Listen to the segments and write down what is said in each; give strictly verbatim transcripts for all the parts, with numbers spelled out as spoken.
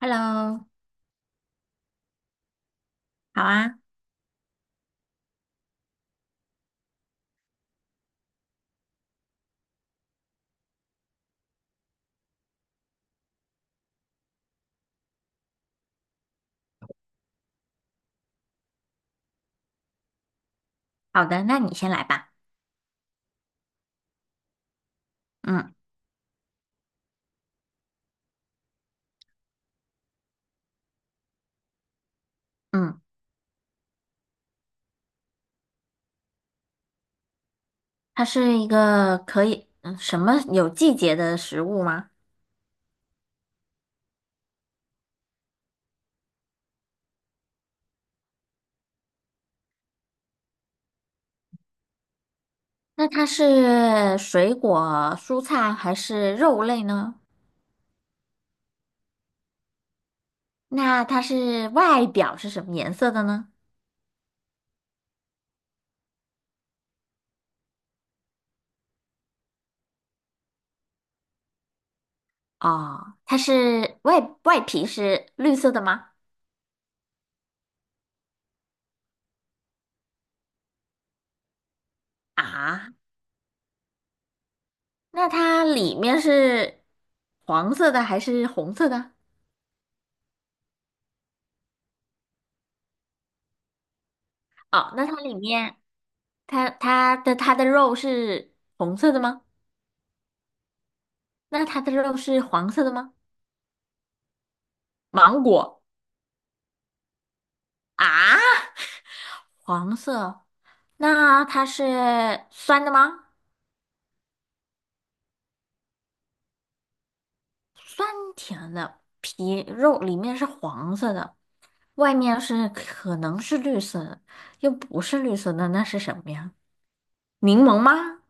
Hello，好啊，好的，那你先来吧。嗯嗯，它是一个可以，嗯，什么有季节的食物吗？那它是水果、蔬菜还是肉类呢？那它是外表是什么颜色的呢？哦，它是外外皮是绿色的吗？啊，那它里面是黄色的还是红色的？哦，那它里面它它的它的肉是红色的吗？那它的肉是黄色的吗？芒果啊，黄色，那它是酸的吗？酸甜的，皮肉里面是黄色的，外面是可能是绿色的，又不是绿色的，那是什么呀？柠檬吗？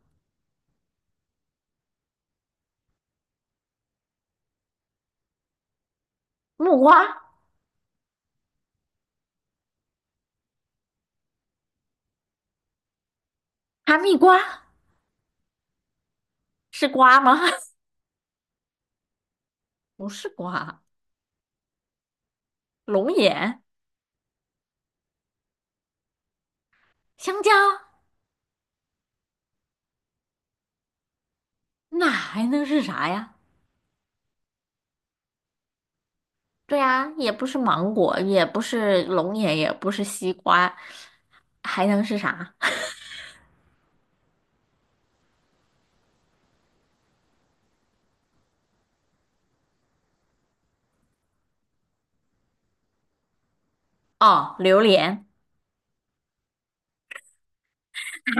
木瓜？哈密瓜？是瓜吗？不是瓜，龙眼、香蕉，那还能是啥呀？对呀，也不是芒果，也不是龙眼，也不是西瓜，还能是啥？哦，榴莲。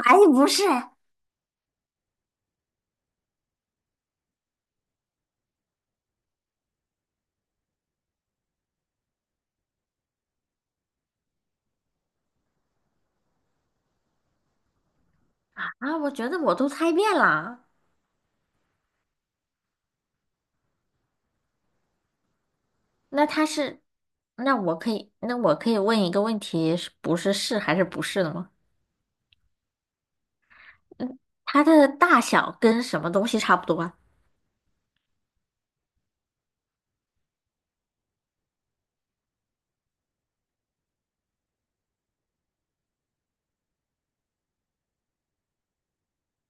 还不是？啊，我觉得我都猜遍了。那它是，那我可以，那我可以问一个问题，是不是是还是不是的吗？嗯，它的大小跟什么东西差不多啊？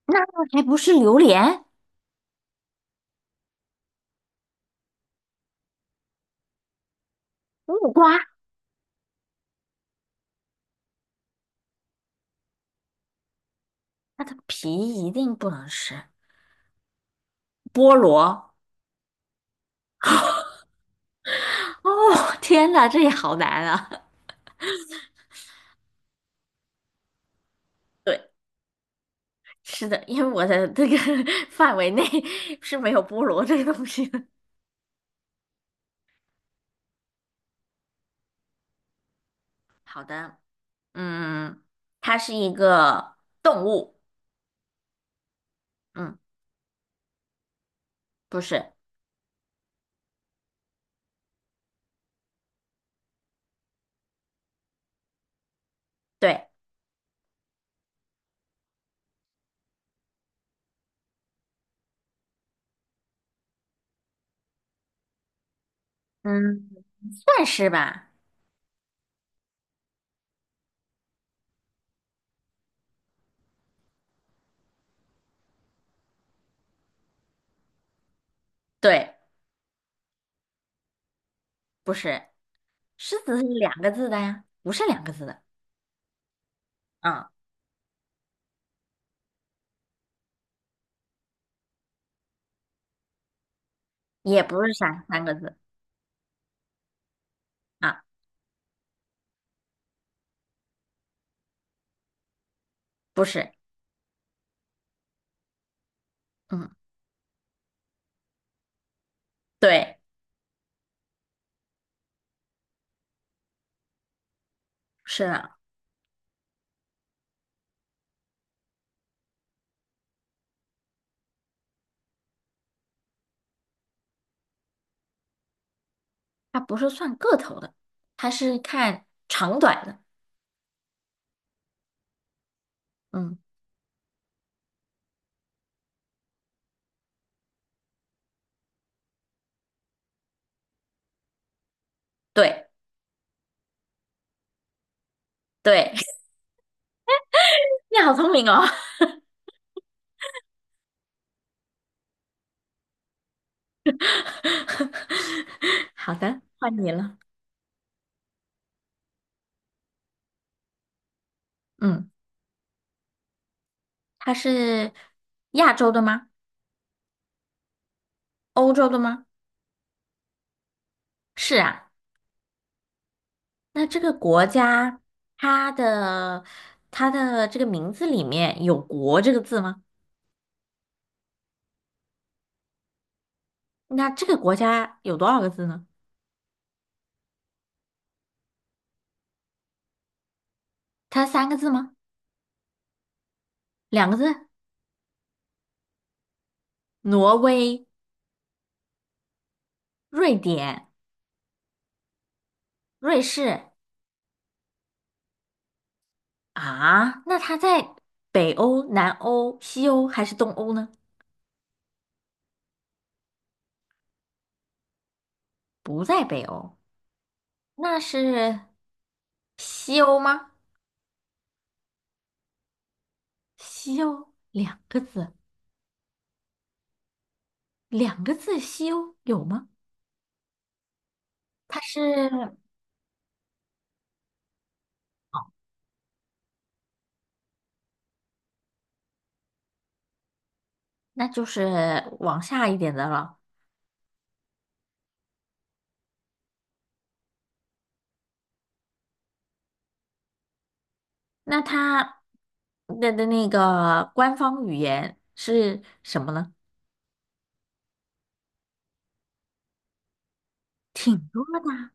那还不是榴莲、木瓜？它的皮一定不能吃。菠萝。哦，天哪，这也好难啊！对。是的，因为我的这个 范围内 是没有菠萝这个东西的。好的，嗯，它是一个动物，嗯，不是，对，嗯，算是吧，对，不是，狮子是两个字的呀，不是两个字的，嗯，也不是三三个字啊，不是，嗯，对，是的，它不是算个头的，它是看长短的，嗯，对对，你好聪明哦。好的，换你了。嗯，他是亚洲的吗？欧洲的吗？是啊。那这个国家，它的它的这个名字里面有“国”这个字吗？那这个国家有多少个字呢？它三个字吗？两个字？挪威、瑞典、瑞士啊？那它在北欧、南欧、西欧还是东欧呢？不在北欧，那是西欧吗？西欧两个字，两个字西欧有吗？它是，哦，那就是往下一点的了。那它的的那个官方语言是什么呢？挺多的啊，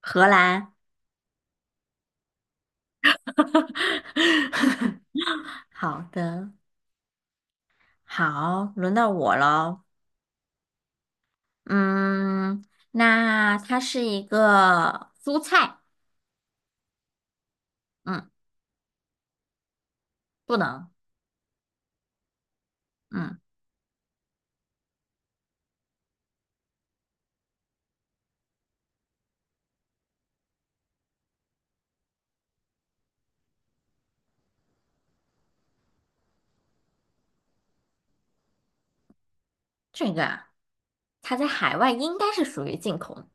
荷兰。好的，好，轮到我了。嗯，那它是一个蔬菜，嗯，不能，嗯，这个啊，它在海外应该是属于进口的。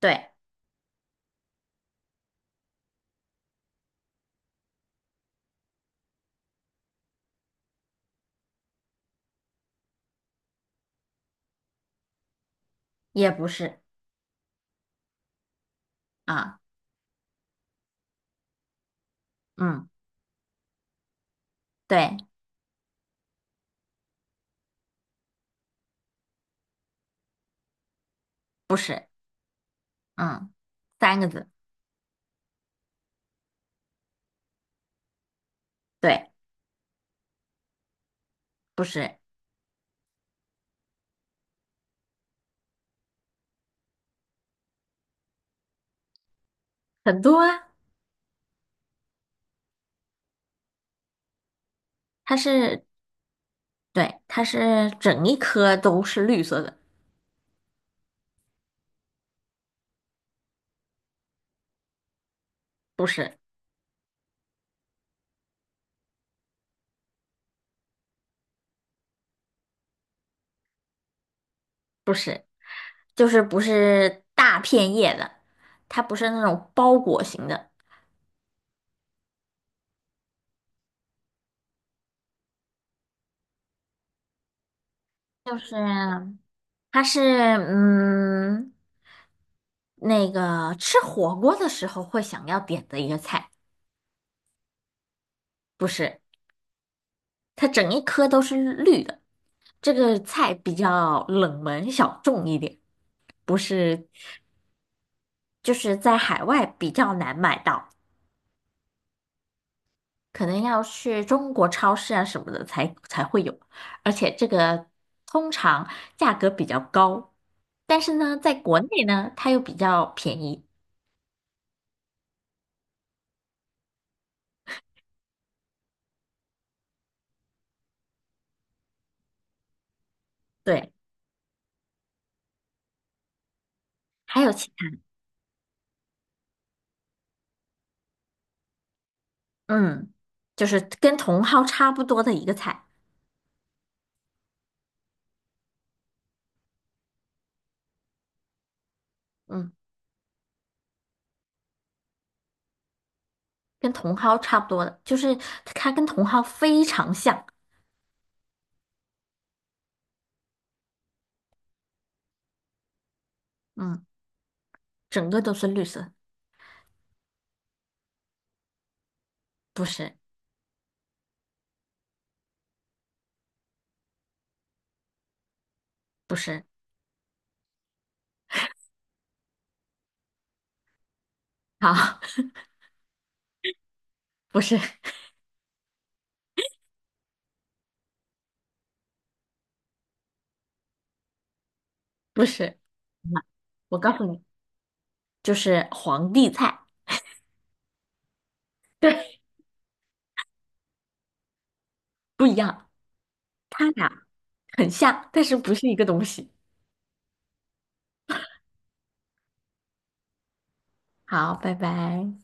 对。也不是啊，嗯，对，不是，嗯，三个字，对，不是，很多啊，它是，对，它是整一颗都是绿色的，不是，不是，就是不是大片叶的，它不是那种包裹型的，就是它是，嗯，那个吃火锅的时候会想要点的一个菜，不是。它整一颗都是绿的。这个菜比较冷门小众一点，不是，就是在海外比较难买到，可能要去中国超市啊什么的才才会有，而且这个通常价格比较高，但是呢，在国内呢，它又比较便宜。对，还有其他，嗯，就是跟茼蒿差不多的一个菜，嗯，跟茼蒿差不多的，就是它跟茼蒿非常像，嗯。整个都是绿色，不是，不是，好，不是，不是，那我告诉你，就是皇帝菜，对，不一样，它俩很像，但是不是一个东西。好，拜拜。